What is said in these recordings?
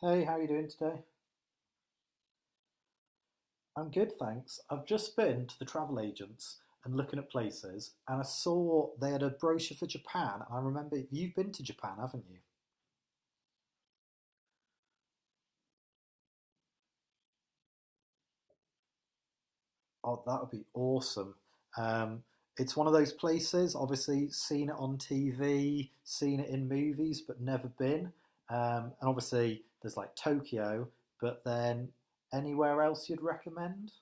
Hey, how are you doing today? I'm good, thanks. I've just been to the travel agents and looking at places, and I saw they had a brochure for Japan. And I remember you've been to Japan, haven't you? Oh, that would be awesome. Um, it's one of those places, obviously, seen it on TV, seen it in movies, but never been. And obviously, there's like Tokyo, but then anywhere else you'd recommend?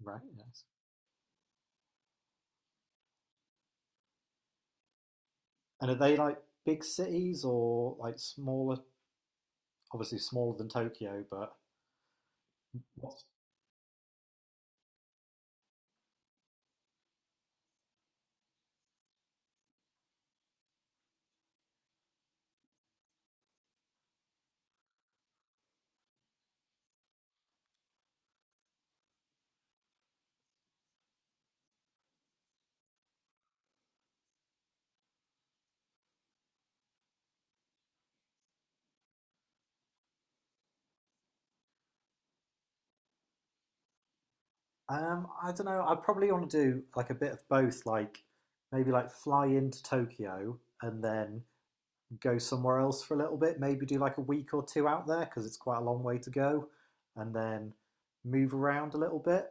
Right, yes. And are they like big cities or like smaller, obviously smaller than Tokyo, but I don't know. I probably want to do like a bit of both, like maybe like fly into Tokyo and then go somewhere else for a little bit. Maybe do like a week or two out there because it's quite a long way to go, and then move around a little bit.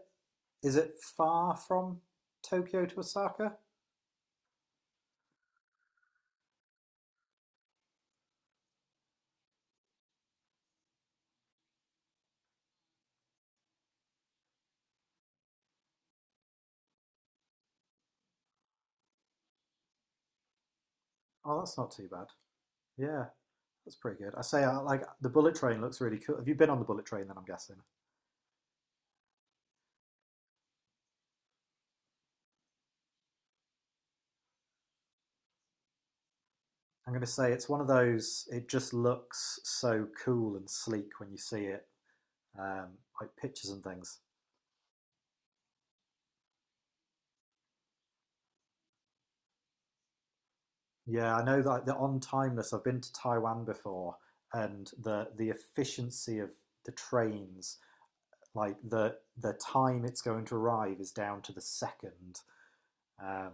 Is it far from Tokyo to Osaka? Oh, that's not too bad. Yeah, that's pretty good. I say, like the bullet train looks really cool. Have you been on the bullet train? Then I'm guessing. I'm going to say it's one of those. It just looks so cool and sleek when you see it, um, like pictures and things. Yeah, I know that the on timeless. I've been to Taiwan before, and the efficiency of the trains, like the time it's going to arrive, is down to the second. Um,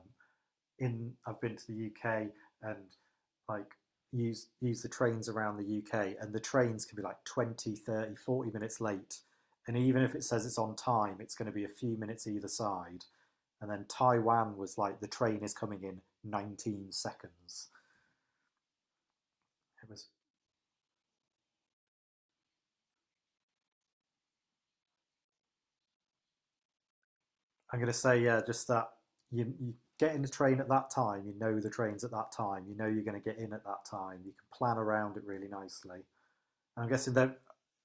in I've been to the UK, and like use the trains around the UK, and the trains can be like 20, 30, 40 minutes late. And even if it says it's on time, it's going to be a few minutes either side. And then Taiwan was like, the train is coming in 19 seconds. It was. I'm going to say, yeah, just that you get in the train at that time, you know the trains at that time, you know you're going to get in at that time, you can plan around it really nicely. And I'm guessing that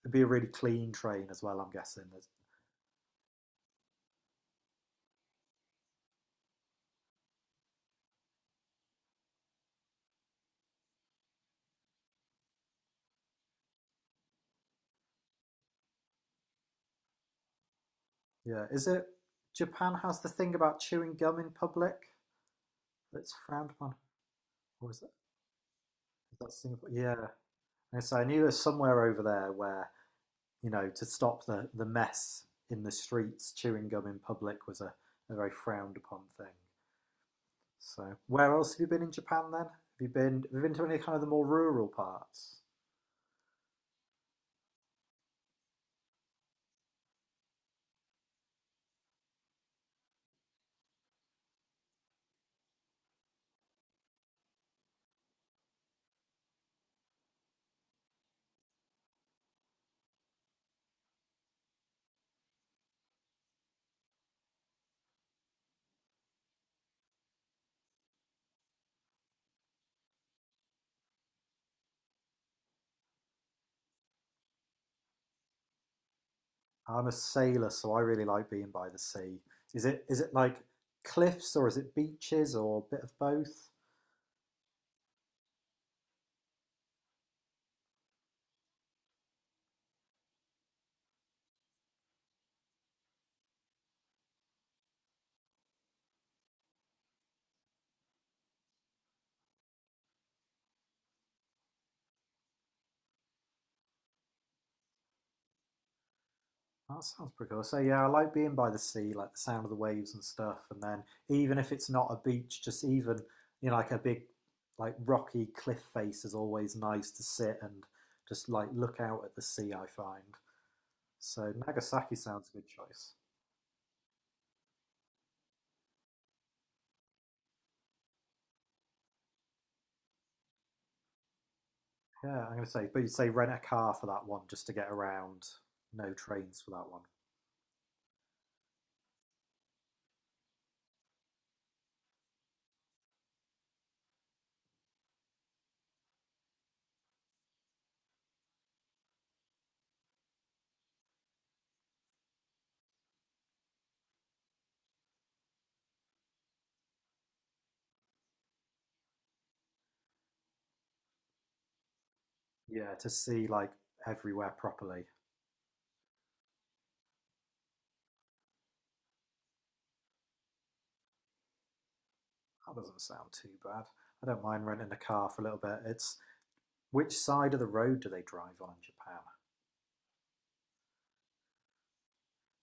it'd be a really clean train as well. I'm guessing there's. Yeah, is it, Japan has the thing about chewing gum in public that's frowned upon? Or is that Singapore? Yeah. And so I knew there's somewhere over there where, to stop the mess in the streets, chewing gum in public was a very frowned upon thing. So where else have you been in Japan then? Have you been to any kind of the more rural parts? I'm a sailor, so I really like being by the sea. Is it like cliffs or is it beaches or a bit of both? That sounds pretty cool. So yeah, I like being by the sea, like the sound of the waves and stuff. And then even if it's not a beach, just even, like a big, like rocky cliff face is always nice to sit and just like look out at the sea, I find. So Nagasaki sounds a good choice. Yeah, I'm gonna say, but you'd say rent a car for that one just to get around. No trains for that one. Yeah, to see like everywhere properly. That doesn't sound too bad. I don't mind renting a car for a little bit. It's Which side of the road do they drive on in Japan?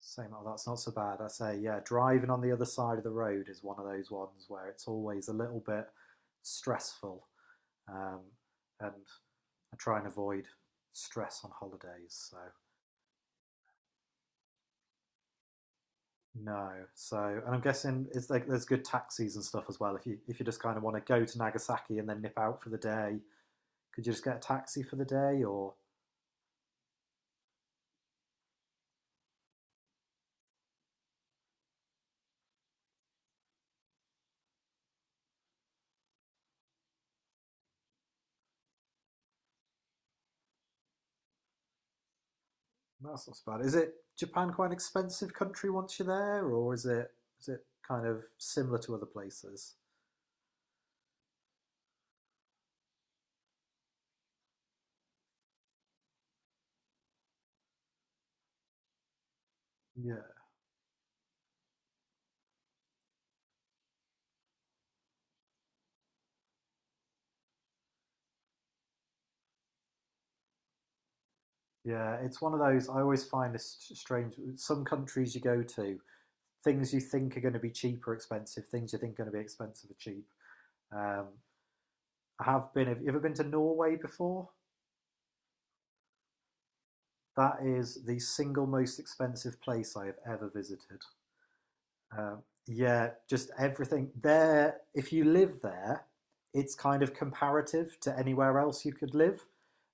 Same, oh, that's not so bad. I say, yeah, driving on the other side of the road is one of those ones where it's always a little bit stressful. Um, and I try and avoid stress on holidays. So no. So, and I'm guessing it's like there's good taxis and stuff as well. If you just kind of want to go to Nagasaki and then nip out for the day, could you just get a taxi for the day, or. That's not so bad. Is it Japan quite an expensive country once you're there, or is it kind of similar to other places? Yeah, yeah. It's one of those, I always find this strange. Some countries you go to, things you think are going to be cheap are expensive. Things you think are going to be expensive are cheap. Um, I have been. Have you ever been to Norway before? That is the single most expensive place I have ever visited. Yeah, just everything there. If you live there, it's kind of comparative to anywhere else you could live,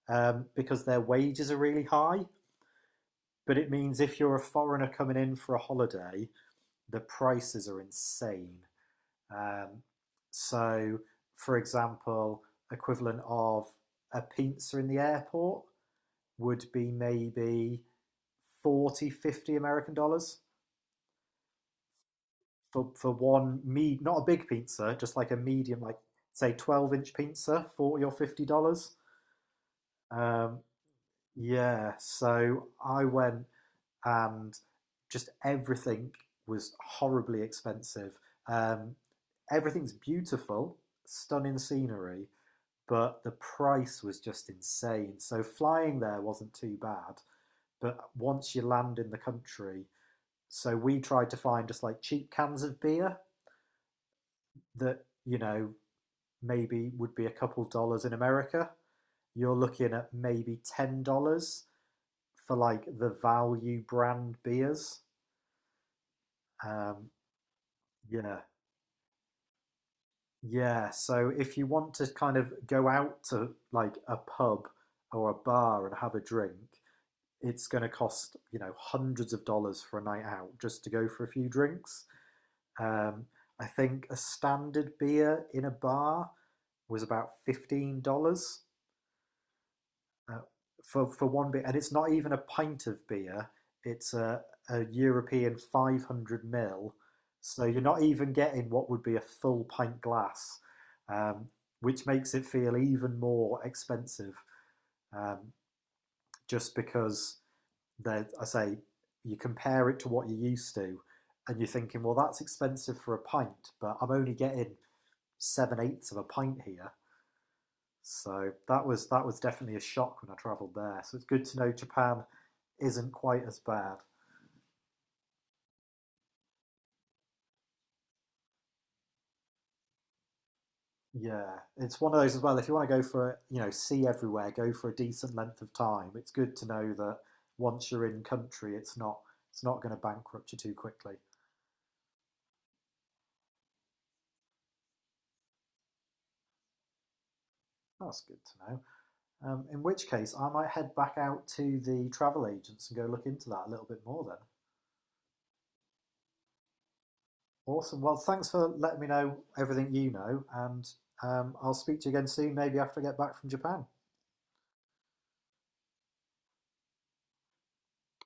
because their wages are really high. But it means if you're a foreigner coming in for a holiday, the prices are insane. Um, so, for example, equivalent of a pizza in the airport would be maybe 40, 50 American dollars. For one, me, not a big pizza, just like a medium, like say 12 inch pizza, $40 or $50. Um, yeah, so I went, and just everything was horribly expensive. Um, Everything's beautiful, stunning scenery, but the price was just insane. So flying there wasn't too bad, but once you land in the country, so we tried to find just like cheap cans of beer that maybe would be a couple dollars in America. You're looking at maybe $10 for like the value brand beers. Um, yeah, yeah. So if you want to kind of go out to like a pub or a bar and have a drink, it's going to cost hundreds of dollars for a night out just to go for a few drinks. Um, I think a standard beer in a bar was about $15. uh, for one beer, and it's not even a pint of beer. It's a European 500 mil, so you're not even getting what would be a full pint glass, um, which makes it feel even more expensive. Um, just because that, I say, you compare it to what you're used to, and you're thinking, well, that's expensive for a pint, but I'm only getting seven-eighths of a pint here. So that was definitely a shock when I travelled there. So it's good to know Japan isn't quite as bad. Yeah, it's one of those as well. If you want to go for, see everywhere, go for a decent length of time. It's good to know that once you're in country, it's not going to bankrupt you too quickly. That's good to know. In which case, I might head back out to the travel agents and go look into that a little bit more then. Awesome. Well, thanks for letting me know everything you know, and I'll speak to you again soon, maybe after I get back from Japan.